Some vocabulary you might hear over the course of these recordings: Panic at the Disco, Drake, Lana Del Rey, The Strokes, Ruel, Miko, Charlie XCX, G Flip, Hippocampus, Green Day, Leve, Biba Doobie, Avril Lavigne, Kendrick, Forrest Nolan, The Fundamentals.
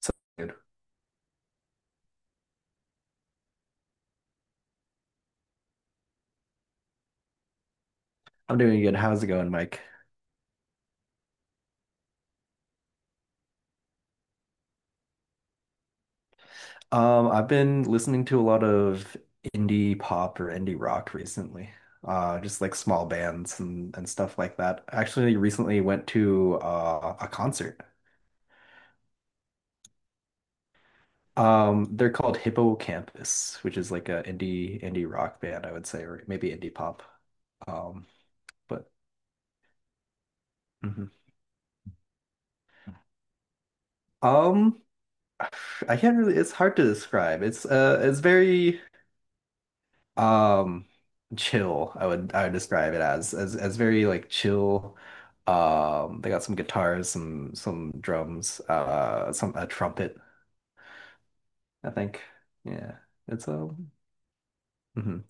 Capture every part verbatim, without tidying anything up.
So good. I'm doing good. How's it going, Mike? Um, I've been listening to a lot of indie pop or indie rock recently. Uh, just like small bands and, and stuff like that. I actually recently went to uh, a concert. Um, they're called Hippocampus, which is like a indie indie rock band, I would say, or maybe indie pop. Um, but mhm. Um, I can't really. It's hard to describe. It's uh, it's very um chill. I would I would describe it as as as very like chill. Um they got some guitars, some some drums, uh some a trumpet, I think. Yeah, it's um mhm.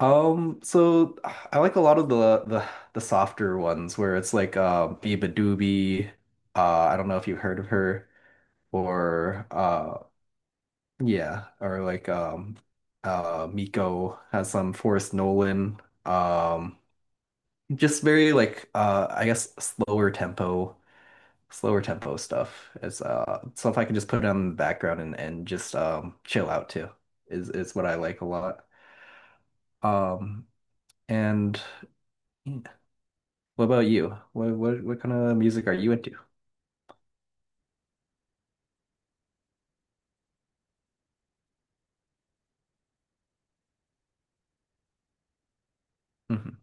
Um, so I like a lot of the the the softer ones where it's like uh Biba Doobie, uh I don't know if you've heard of her, or uh yeah, or like um uh Miko has some Forrest Nolan. Um Just very like uh I guess slower tempo, slower tempo stuff is uh stuff I can just put on in the background and, and just um chill out to is is what I like a lot. Um and yeah. What about you? What what what kind of music are you into? Hmm.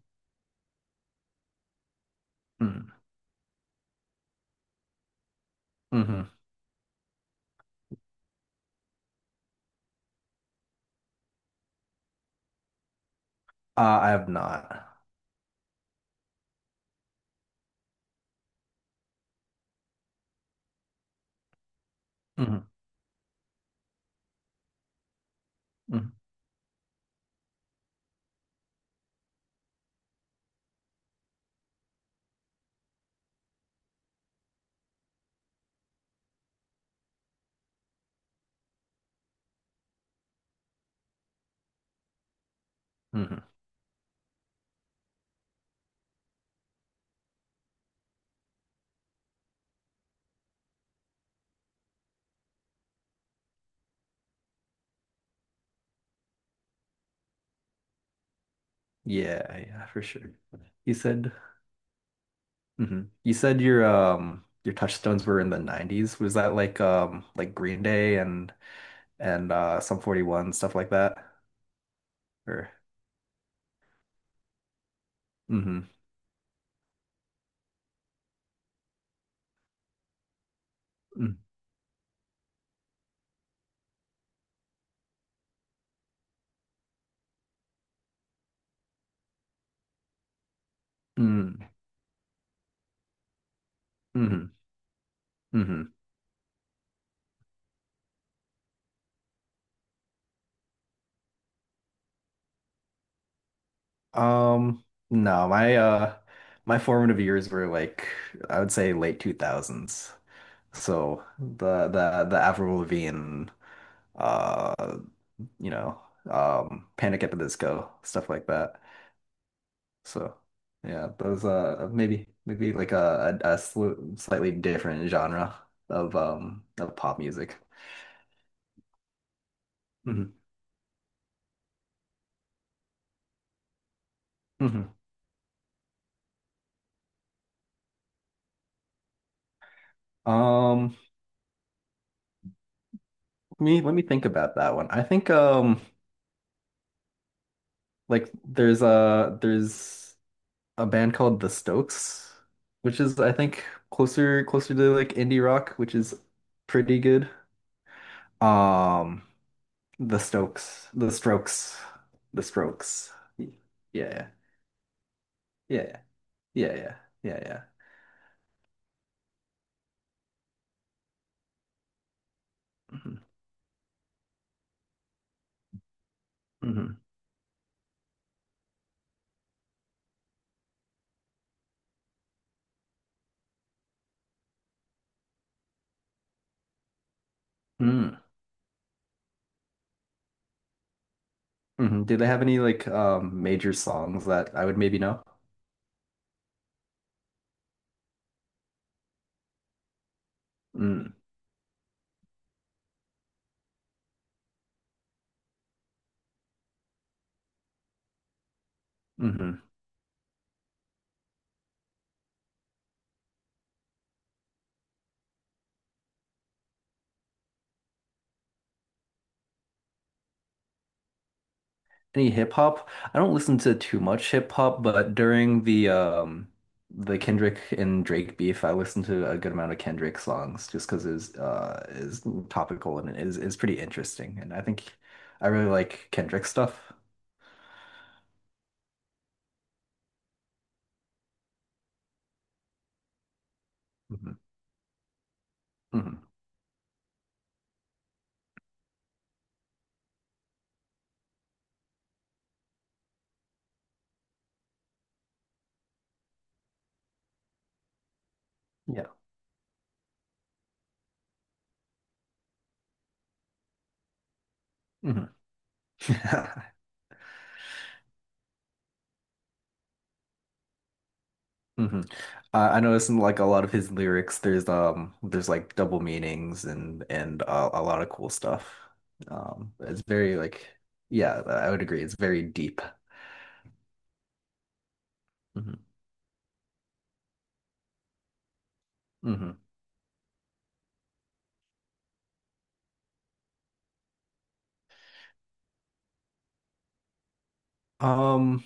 Hmm. Hmm. Uh, I have not. Hmm. Hmm. Hmm. Yeah, yeah, for sure. You said. Hmm. You said your um your touchstones were in the nineties. Was that like um like Green Day and and uh some forty-one stuff like that, or. Mm-hmm. Mm. Mm. Mm-hmm. Mm-hmm. Um no, my uh my formative years were like, I would say, late two thousands, so the the the Avril Lavigne, uh you know um Panic at the Disco stuff like that, so yeah. Those uh maybe maybe like a, a, a sli- slightly different genre of um of pop music. Hmm. Hmm. Um, me let me think about that one. I think um like there's a there's a band called The Stokes, which is, I think, closer closer to like indie rock, which is pretty good. Um The Stokes, The Strokes, The Strokes. Yeah, yeah, yeah, yeah, yeah, yeah, yeah. Hmm. Hmm. Hmm. Hmm. Do they have any like um major songs that I would maybe know? Mm. Mm-hmm. Any hip hop. I don't listen to too much hip hop, but during the um the Kendrick and Drake beef, I listened to a good amount of Kendrick songs just because it's uh is topical and it is is pretty interesting. And I think I really like Kendrick stuff. Hmm. Hmm. Yeah. Hmm. Hmm. I I noticed in like a lot of his lyrics, there's um there's like double meanings and and uh, a lot of cool stuff. Um, it's very like, yeah, I would agree. It's very deep. Hmm. Hmm. Um,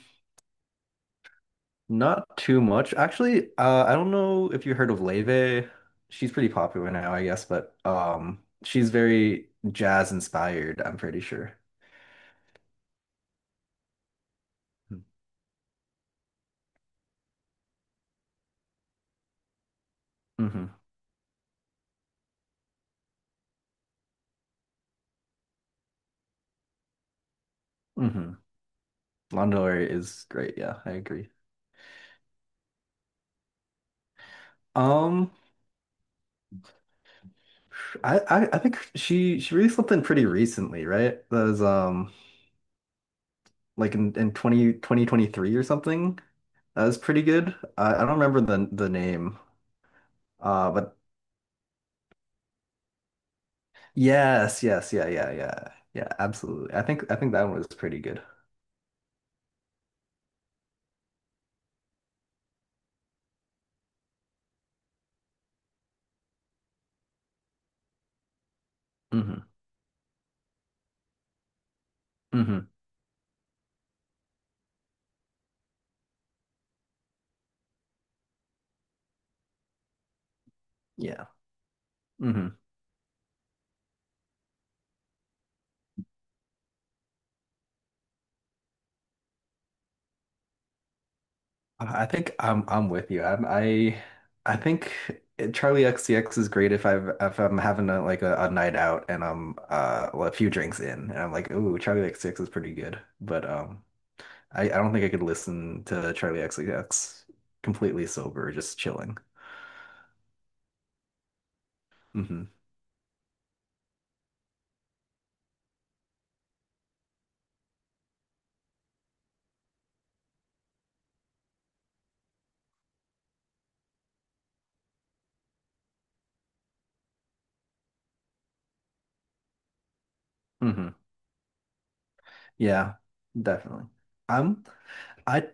not too much. Actually, uh, I don't know if you heard of Leve. She's pretty popular now, I guess, but um, she's very jazz inspired, I'm pretty sure. Hmm. Mm-hmm. Mm-hmm. Lana Del Rey is great. Yeah, I agree. Um, I, I I think she she released something pretty recently, right? That was um like in in twenty twenty twenty three or something. That was pretty good. I, I don't remember the the name, uh, but. Yes, yes, yeah, yeah, yeah. Yeah, absolutely. I think I think that one was pretty good. Hmm. Hmm. Yeah. Hmm. I I think I'm I'm with you. I'm I I think Charlie X C X is great if I've if I'm having a like a, a night out and I'm uh well, a few drinks in and I'm like, ooh, Charlie X C X is pretty good. But um I, I don't think I could listen to Charlie X C X completely sober, just chilling. Hmm. Hmm. Yeah, definitely. Um, I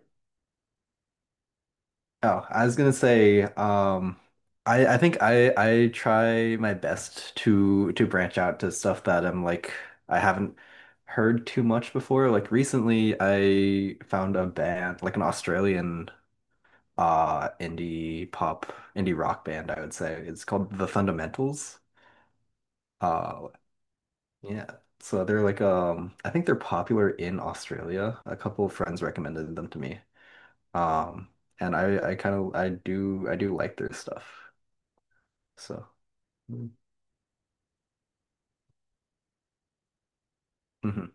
Oh, I was gonna say, um, I I think I I try my best to to branch out to stuff that I'm like I haven't heard too much before. Like recently, I found a band, like an Australian uh indie pop, indie rock band, I would say. It's called The Fundamentals. Uh, yeah. So they're like um, I think they're popular in Australia. A couple of friends recommended them to me. Um, and I I kind of, I do I do like their stuff. So. Mm-hmm.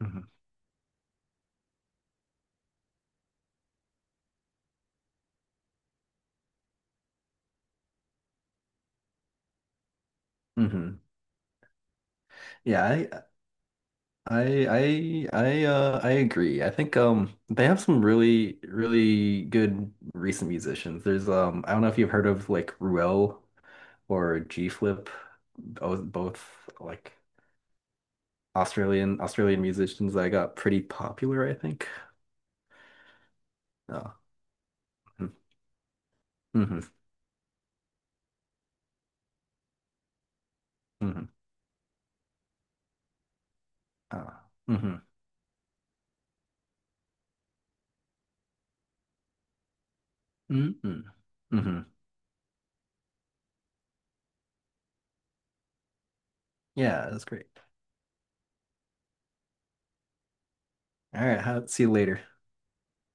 Hmm. Hmm. Yeah, I, I, I, I, uh, I agree. I think um, they have some really, really good recent musicians. There's um, I don't know if you've heard of like Ruel or G Flip, both, both like Australian Australian musicians that got pretty popular, I think. Oh. Hmm. Mm-hmm. Mm-hmm. uh, mm-hmm. Mm-hmm. Mm-hmm. Yeah, that's great. All right, how, see you later.